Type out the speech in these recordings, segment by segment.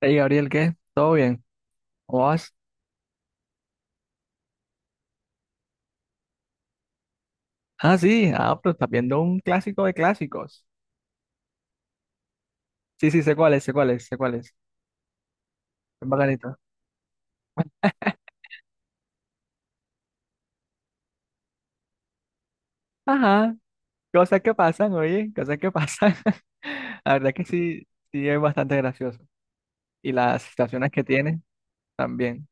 Hey Gabriel, ¿qué? ¿Todo bien? ¿Cómo vas? Ah, sí, ah, pero estás viendo un clásico de clásicos. Sí, sí, sé cuál es, sé cuál es, sé cuál es. Es bacanito. Ajá, cosas que pasan, oye, cosas que pasan. La verdad que sí, sí es bastante gracioso. Y las situaciones que tiene también.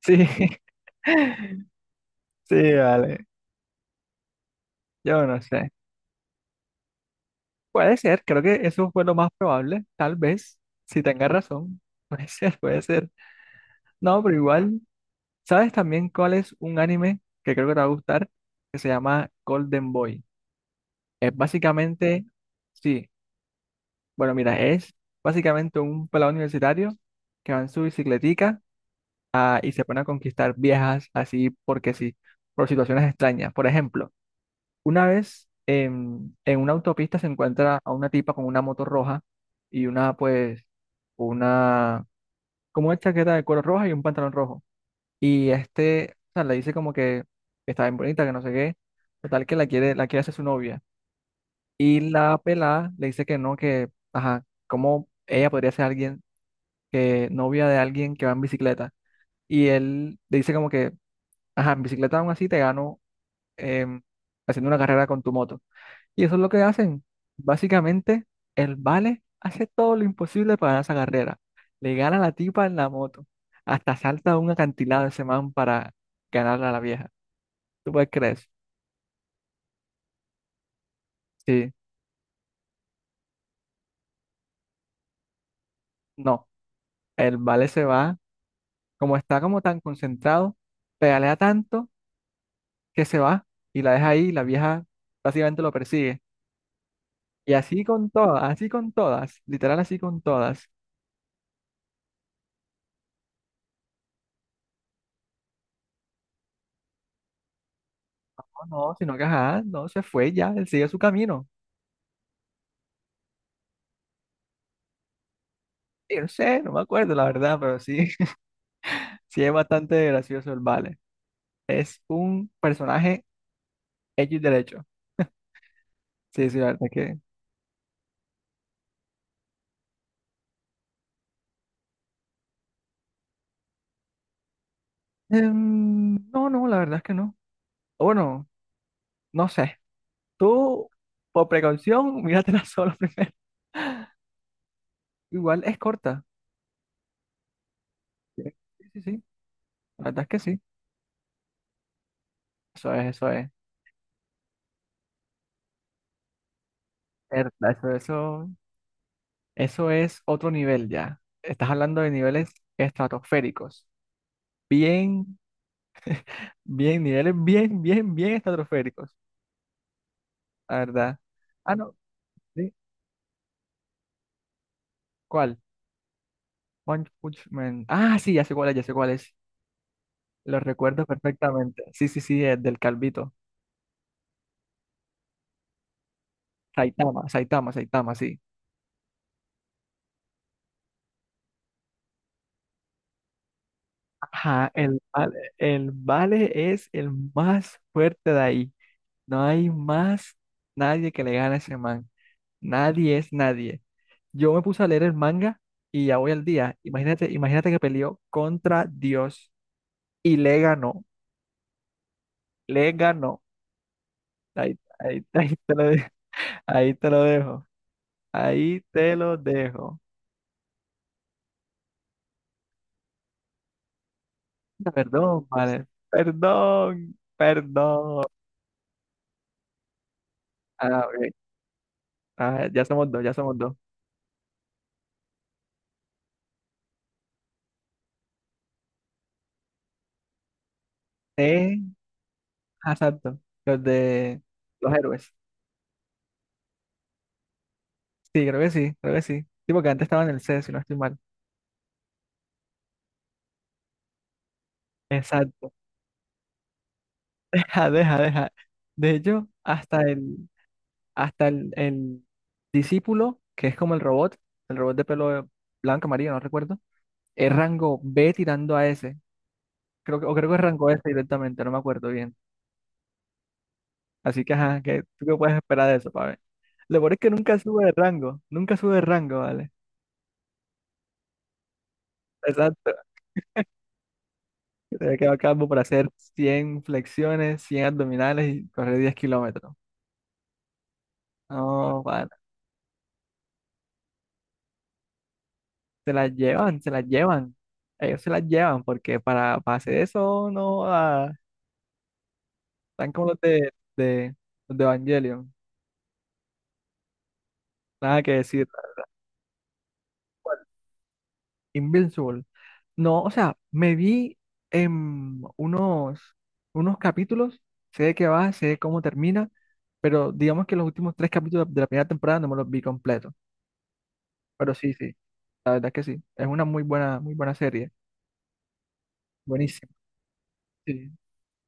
Sí, sí, vale. Yo no sé. Puede ser, creo que eso fue lo más probable, tal vez, si tenga razón. Puede ser, puede ser. No, pero igual. ¿Sabes también cuál es un anime que creo que te va a gustar? Que se llama Golden Boy. Es básicamente, sí, bueno, mira, es básicamente un pelado universitario que va en su bicicletica ah, y se pone a conquistar viejas así porque sí, por situaciones extrañas. Por ejemplo, una vez en una autopista se encuentra a una tipa con una moto roja y una, pues, una, como una chaqueta de color roja y un pantalón rojo. Y este, o sea, le dice como que está bien bonita, que no sé qué. Total, que la quiere hacer su novia. Y la pelada le dice que no, que, ajá, cómo ella podría ser alguien, que novia de alguien que va en bicicleta. Y él le dice como que, ajá, en bicicleta aún así te gano em, haciendo una carrera con tu moto. Y eso es lo que hacen. Básicamente, el Vale hace todo lo imposible para ganar esa carrera. Le gana a la tipa en la moto. Hasta salta a un acantilado ese man para ganarle a la vieja. ¿Tú puedes creer eso? Sí, no. El vale se va, como está como tan concentrado, pedalea tanto que se va y la deja ahí y la vieja básicamente lo persigue. Y así con todas, literal así con todas. No, no, sino que ajá, no se fue ya, él sigue su camino. Y no sé, no me acuerdo la verdad, pero sí, sí es bastante gracioso el vale. Es un personaje X derecho. Sí, sí, la verdad que... no, no, la verdad es que no. O bueno, no sé. Tú, por precaución, míratela solo primero. Igual es corta. Sí, sí, sí. La verdad es que sí. Eso es, eso es. Eso, eso, eso es otro nivel ya. Estás hablando de niveles estratosféricos. Bien, bien, niveles bien, bien, bien estratosféricos. La verdad. Ah, no. ¿Sí? ¿Cuál? One Punch Man. Ah, sí, ya sé cuál es, ya sé cuál es. Lo recuerdo perfectamente. Sí, sí, sí, es del Calvito. Saitama, Saitama, Saitama, sí. Ajá, el Vale es el más fuerte de ahí. No hay más nadie que le gane a ese man. Nadie es nadie. Yo me puse a leer el manga y ya voy al día. Imagínate, imagínate que peleó contra Dios y le ganó. Le ganó. Ahí, ahí, ahí te lo dejo. Ahí te lo dejo. Ahí te lo dejo. Perdón, vale. Perdón. Perdón. Ah, ok. Ah, ya somos dos, ya somos dos. eh Ah, exacto, los de los héroes. Sí, creo que sí, creo que sí. Sí, porque antes estaba en el C, si no estoy mal. Exacto. Deja, deja, deja. De hecho, hasta el discípulo, que es como el robot de pelo blanco, amarillo, no recuerdo, es rango B tirando a S. Creo que, o creo que es rango S directamente, no me acuerdo bien. Así que, ajá, ¿qué, tú qué puedes esperar de eso, pa' ver? Lo peor es que nunca sube de rango, nunca sube de rango, ¿vale? Exacto. Te había quedado calvo para hacer 100 flexiones, 100 abdominales y correr 10 km. No, pana. Se las llevan, se las llevan. Ellos se las llevan porque para hacer eso no ah, están como los de Evangelion. Nada que decir. Invincible. No, o sea, me vi en unos, unos capítulos, sé de qué va, sé cómo termina, pero digamos que los últimos tres capítulos de la primera temporada no me los vi completos. Pero sí, sí, la verdad es que sí. Es una muy buena serie. Buenísimo. Sí,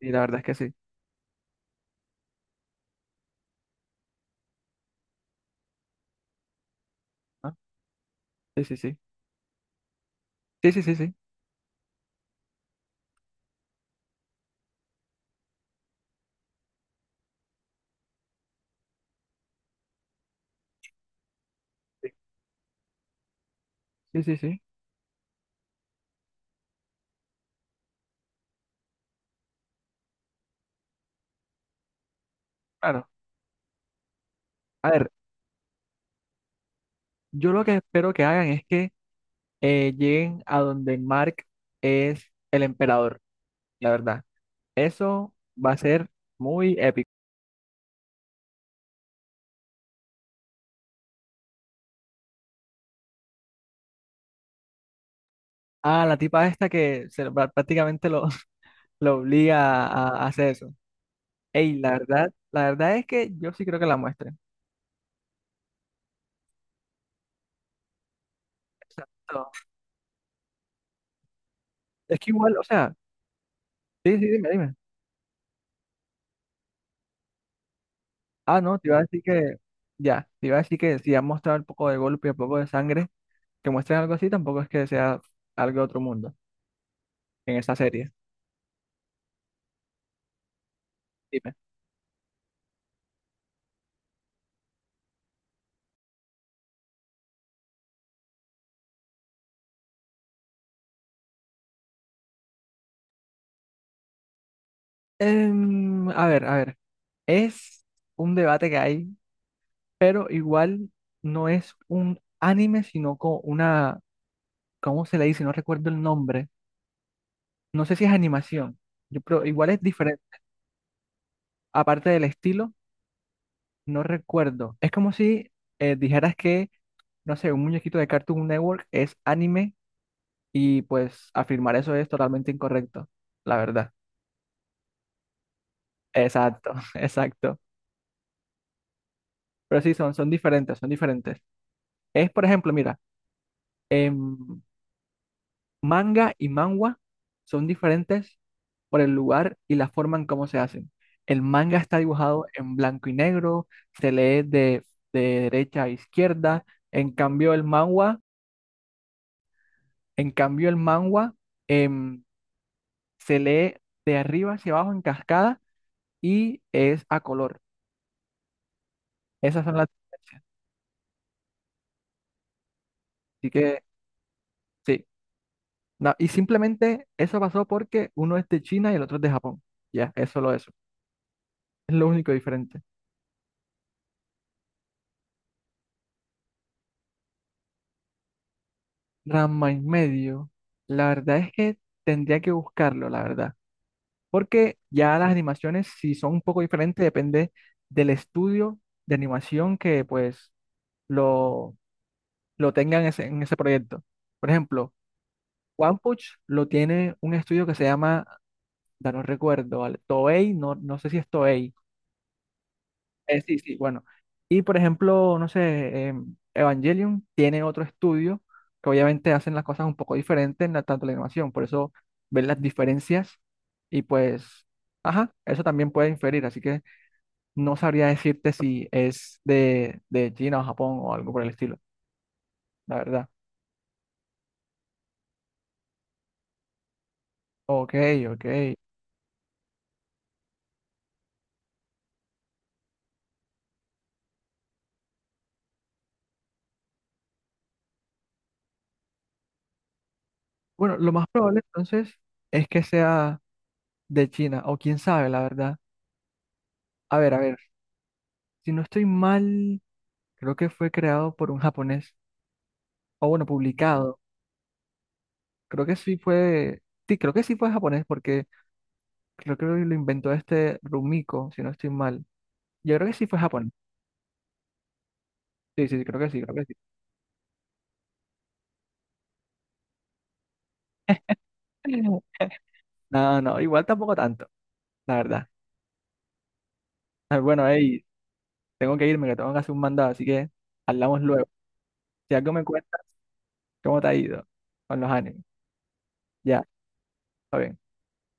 y la verdad es que sí. Ah, sí, sí, sí. Sí, sí, sí, sí. Sí, sí, sí. Sí. Claro. A ver, yo lo que espero que hagan es que lleguen a donde Mark es el emperador, la verdad. Eso va a ser muy épico. Ah, la tipa esta que se lo- prá- prácticamente lo, lo obliga a hacer eso. Ey, la verdad es que yo sí creo que la muestren. Exacto. Es que igual, o sea, sí, sí, dime, dime. Ah, no, te iba a decir que, ya, te iba a decir que si han mostrado un poco de golpe y un poco de sangre, que muestren algo así, tampoco es que sea algo de otro mundo en esta serie. Dime. A ver, a ver, es un debate que hay, pero igual no es un anime, sino como una, ¿cómo se le dice? No recuerdo el nombre. No sé si es animación, yo, pero igual es diferente. Aparte del estilo, no recuerdo. Es como si dijeras que, no sé, un muñequito de Cartoon Network es anime. Y pues afirmar eso es totalmente incorrecto, la verdad. Exacto, exacto. Pero sí, son, son diferentes, son diferentes. Es, por ejemplo, mira, em, manga y manhwa son diferentes por el lugar y la forma en cómo se hacen. El manga está dibujado en blanco y negro, se lee de derecha a izquierda. En cambio, el manhwa, en cambio, el manhwa em, se lee de arriba hacia abajo en cascada y es a color. Esas son las diferencias. Así que sí, y simplemente eso pasó porque uno es de China y el otro es de Japón. Ya, es solo eso. Es lo único diferente. Ranma y medio, la verdad es que tendría que buscarlo, la verdad. Porque ya las animaciones, si son un poco diferentes, depende del estudio de animación que pues lo, lo tengan en ese proyecto. Por ejemplo, One Punch lo tiene un estudio que se llama, ya no recuerdo, ¿vale? Toei, no, no sé si es Toei. Sí, sí, bueno. Y por ejemplo, no sé, Evangelion tiene otro estudio que obviamente hacen las cosas un poco diferentes en la, tanto la animación, por eso ven las diferencias y pues, ajá, eso también puede inferir, así que no sabría decirte si es de China o Japón o algo por el estilo, la verdad. Ok, ok. Bueno, lo más probable entonces es que sea de China, o quién sabe, la verdad. A ver, si no estoy mal, creo que fue creado por un japonés. O bueno, publicado. Creo que sí fue. Sí, creo que sí fue japonés porque creo que lo inventó este Rumiko, si no estoy mal. Yo creo que sí fue japonés. Sí, sí, sí, creo que sí, creo que sí. No, no, igual tampoco tanto, la verdad. Ah, bueno, hey, tengo que irme, que tengo que hacer un mandado, así que hablamos luego. Si algo me cuenta, ¿cómo te ha ido con los animes? Ya, está bien.